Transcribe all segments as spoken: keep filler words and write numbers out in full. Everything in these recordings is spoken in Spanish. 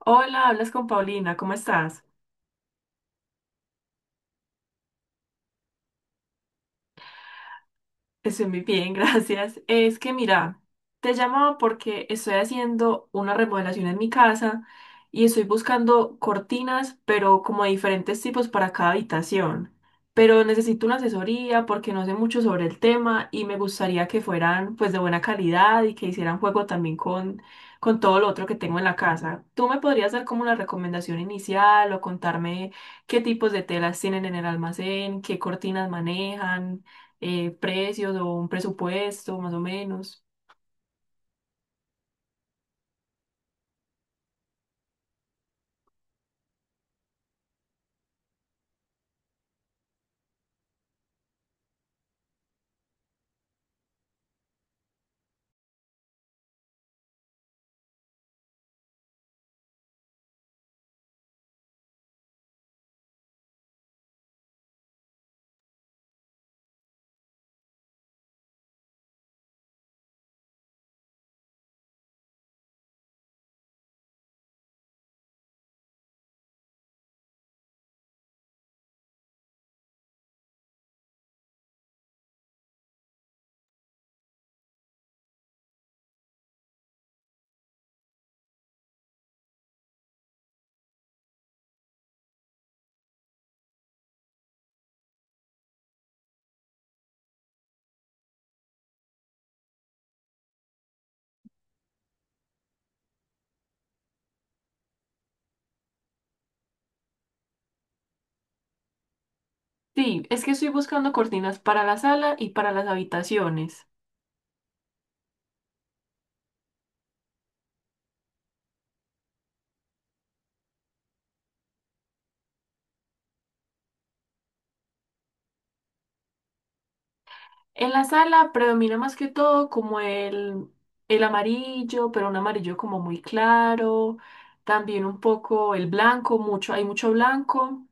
Hola, hablas con Paulina, ¿cómo estás? Estoy muy bien, gracias. Es que mira, te llamaba porque estoy haciendo una remodelación en mi casa y estoy buscando cortinas, pero como de diferentes tipos para cada habitación. Pero necesito una asesoría porque no sé mucho sobre el tema y me gustaría que fueran pues de buena calidad y que hicieran juego también con, con todo lo otro que tengo en la casa. ¿Tú me podrías dar como una recomendación inicial o contarme qué tipos de telas tienen en el almacén, qué cortinas manejan? Eh, precios o un presupuesto más o menos. Sí, es que estoy buscando cortinas para la sala y para las habitaciones. En la sala predomina más que todo como el, el amarillo, pero un amarillo como muy claro, también un poco el blanco, mucho, hay mucho blanco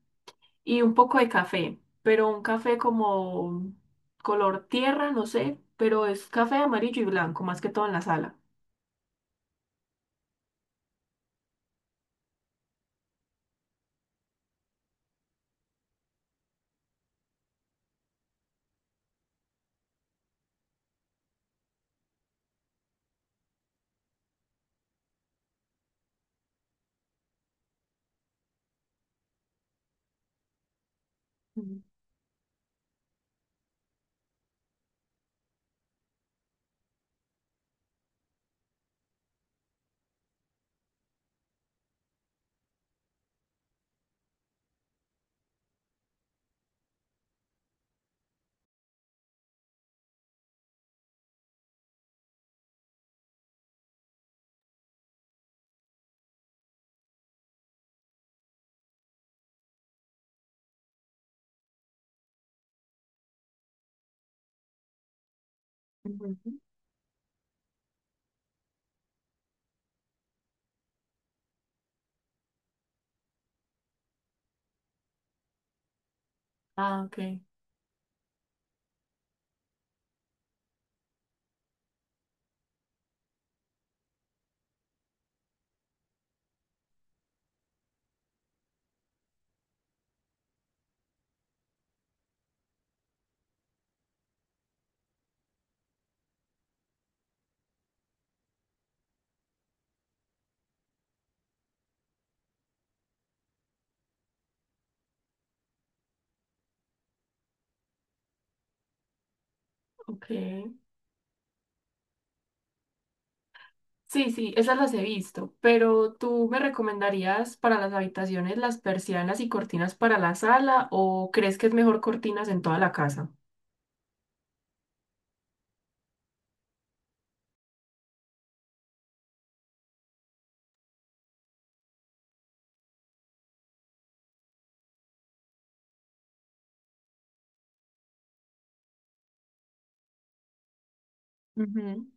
y un poco de café, pero un café como color tierra, no sé, pero es café amarillo y blanco, más que todo en la sala. Mm, ujú. Ah, ok, ok. Sí, sí, esas las he visto, pero ¿tú me recomendarías para las habitaciones las persianas y cortinas para la sala o crees que es mejor cortinas en toda la casa? Ujú.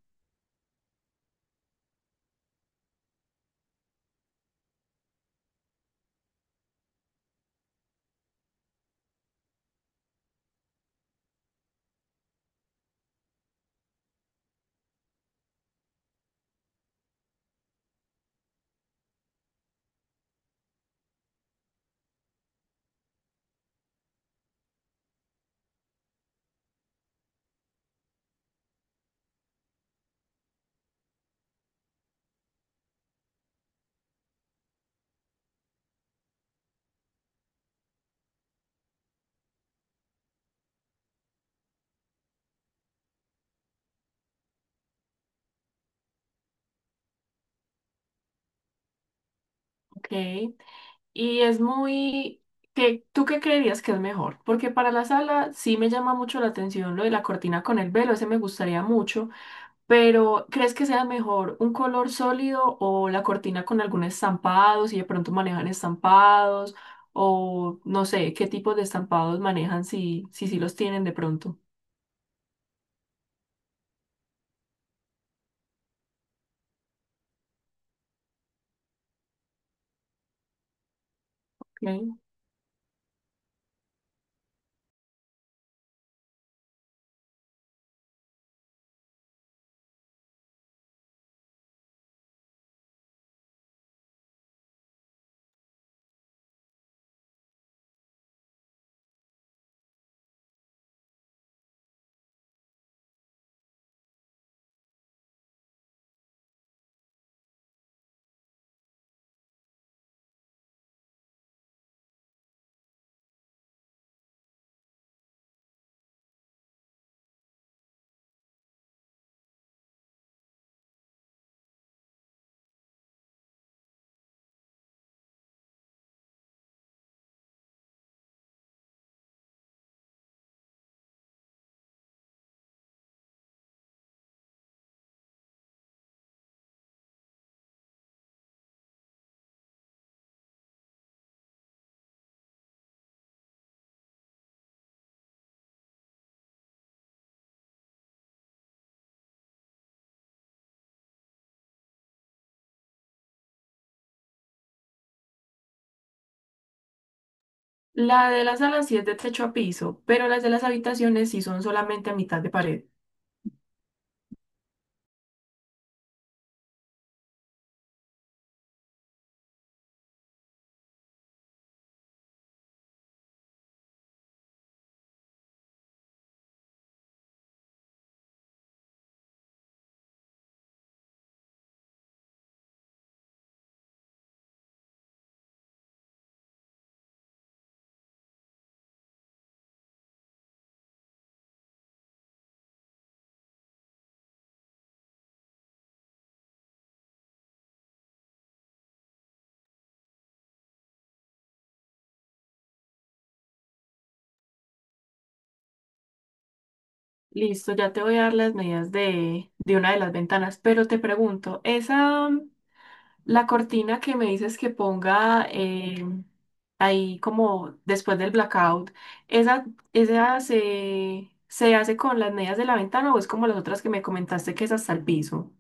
Ok. Y es muy... ¿Qué, tú qué creerías que es mejor? Porque para la sala sí me llama mucho la atención lo de la cortina con el velo, ese me gustaría mucho. Pero, ¿crees que sea mejor un color sólido o la cortina con algún estampado, si de pronto manejan estampados, o no sé, qué tipo de estampados manejan si, si, sí los tienen de pronto? Ok. La de las salas sí es de techo a piso, pero las de las habitaciones sí son solamente a mitad de pared. Listo, ya te voy a dar las medidas de, de una de las ventanas, pero te pregunto, esa, mm, la cortina que me dices que ponga eh, ahí como después del blackout, ¿esa, esa se, se hace con las medidas de la ventana o es como las otras que me comentaste que es hasta el piso?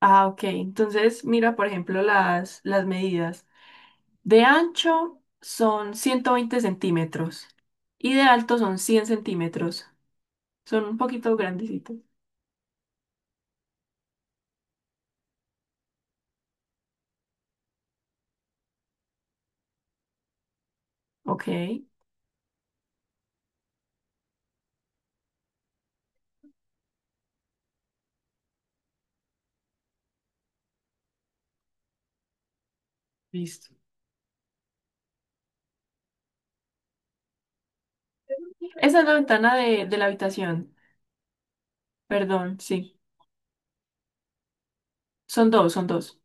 Ah, ok. Entonces, mira, por ejemplo, las, las medidas. De ancho son ciento veinte centímetros y de alto son cien centímetros. Son un poquito grandecitos. Ok. Listo. Esa es la ventana de, de la habitación. Perdón, sí. Son dos, son dos.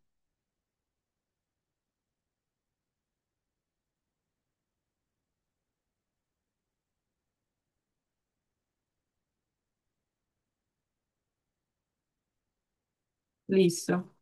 Listo.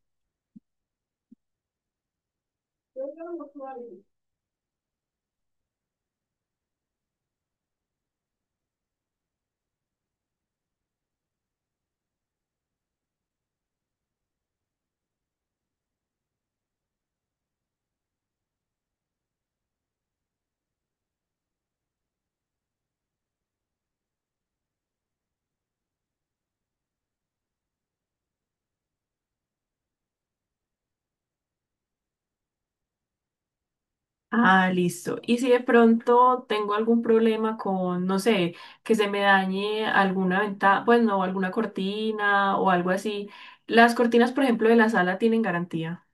Ah, listo. Y si de pronto tengo algún problema con, no sé, que se me dañe alguna ventana, pues no, alguna cortina o algo así. Las cortinas, por ejemplo, de la sala tienen garantía.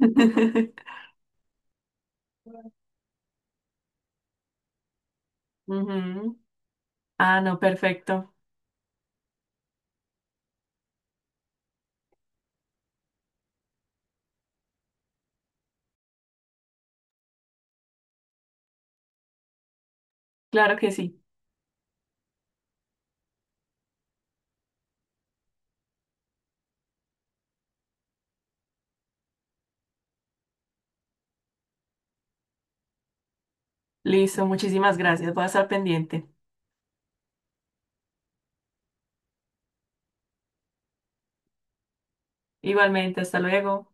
Ujú. Ah, no, perfecto. Claro que sí. Listo, muchísimas gracias. Voy a estar pendiente. Igualmente, hasta luego.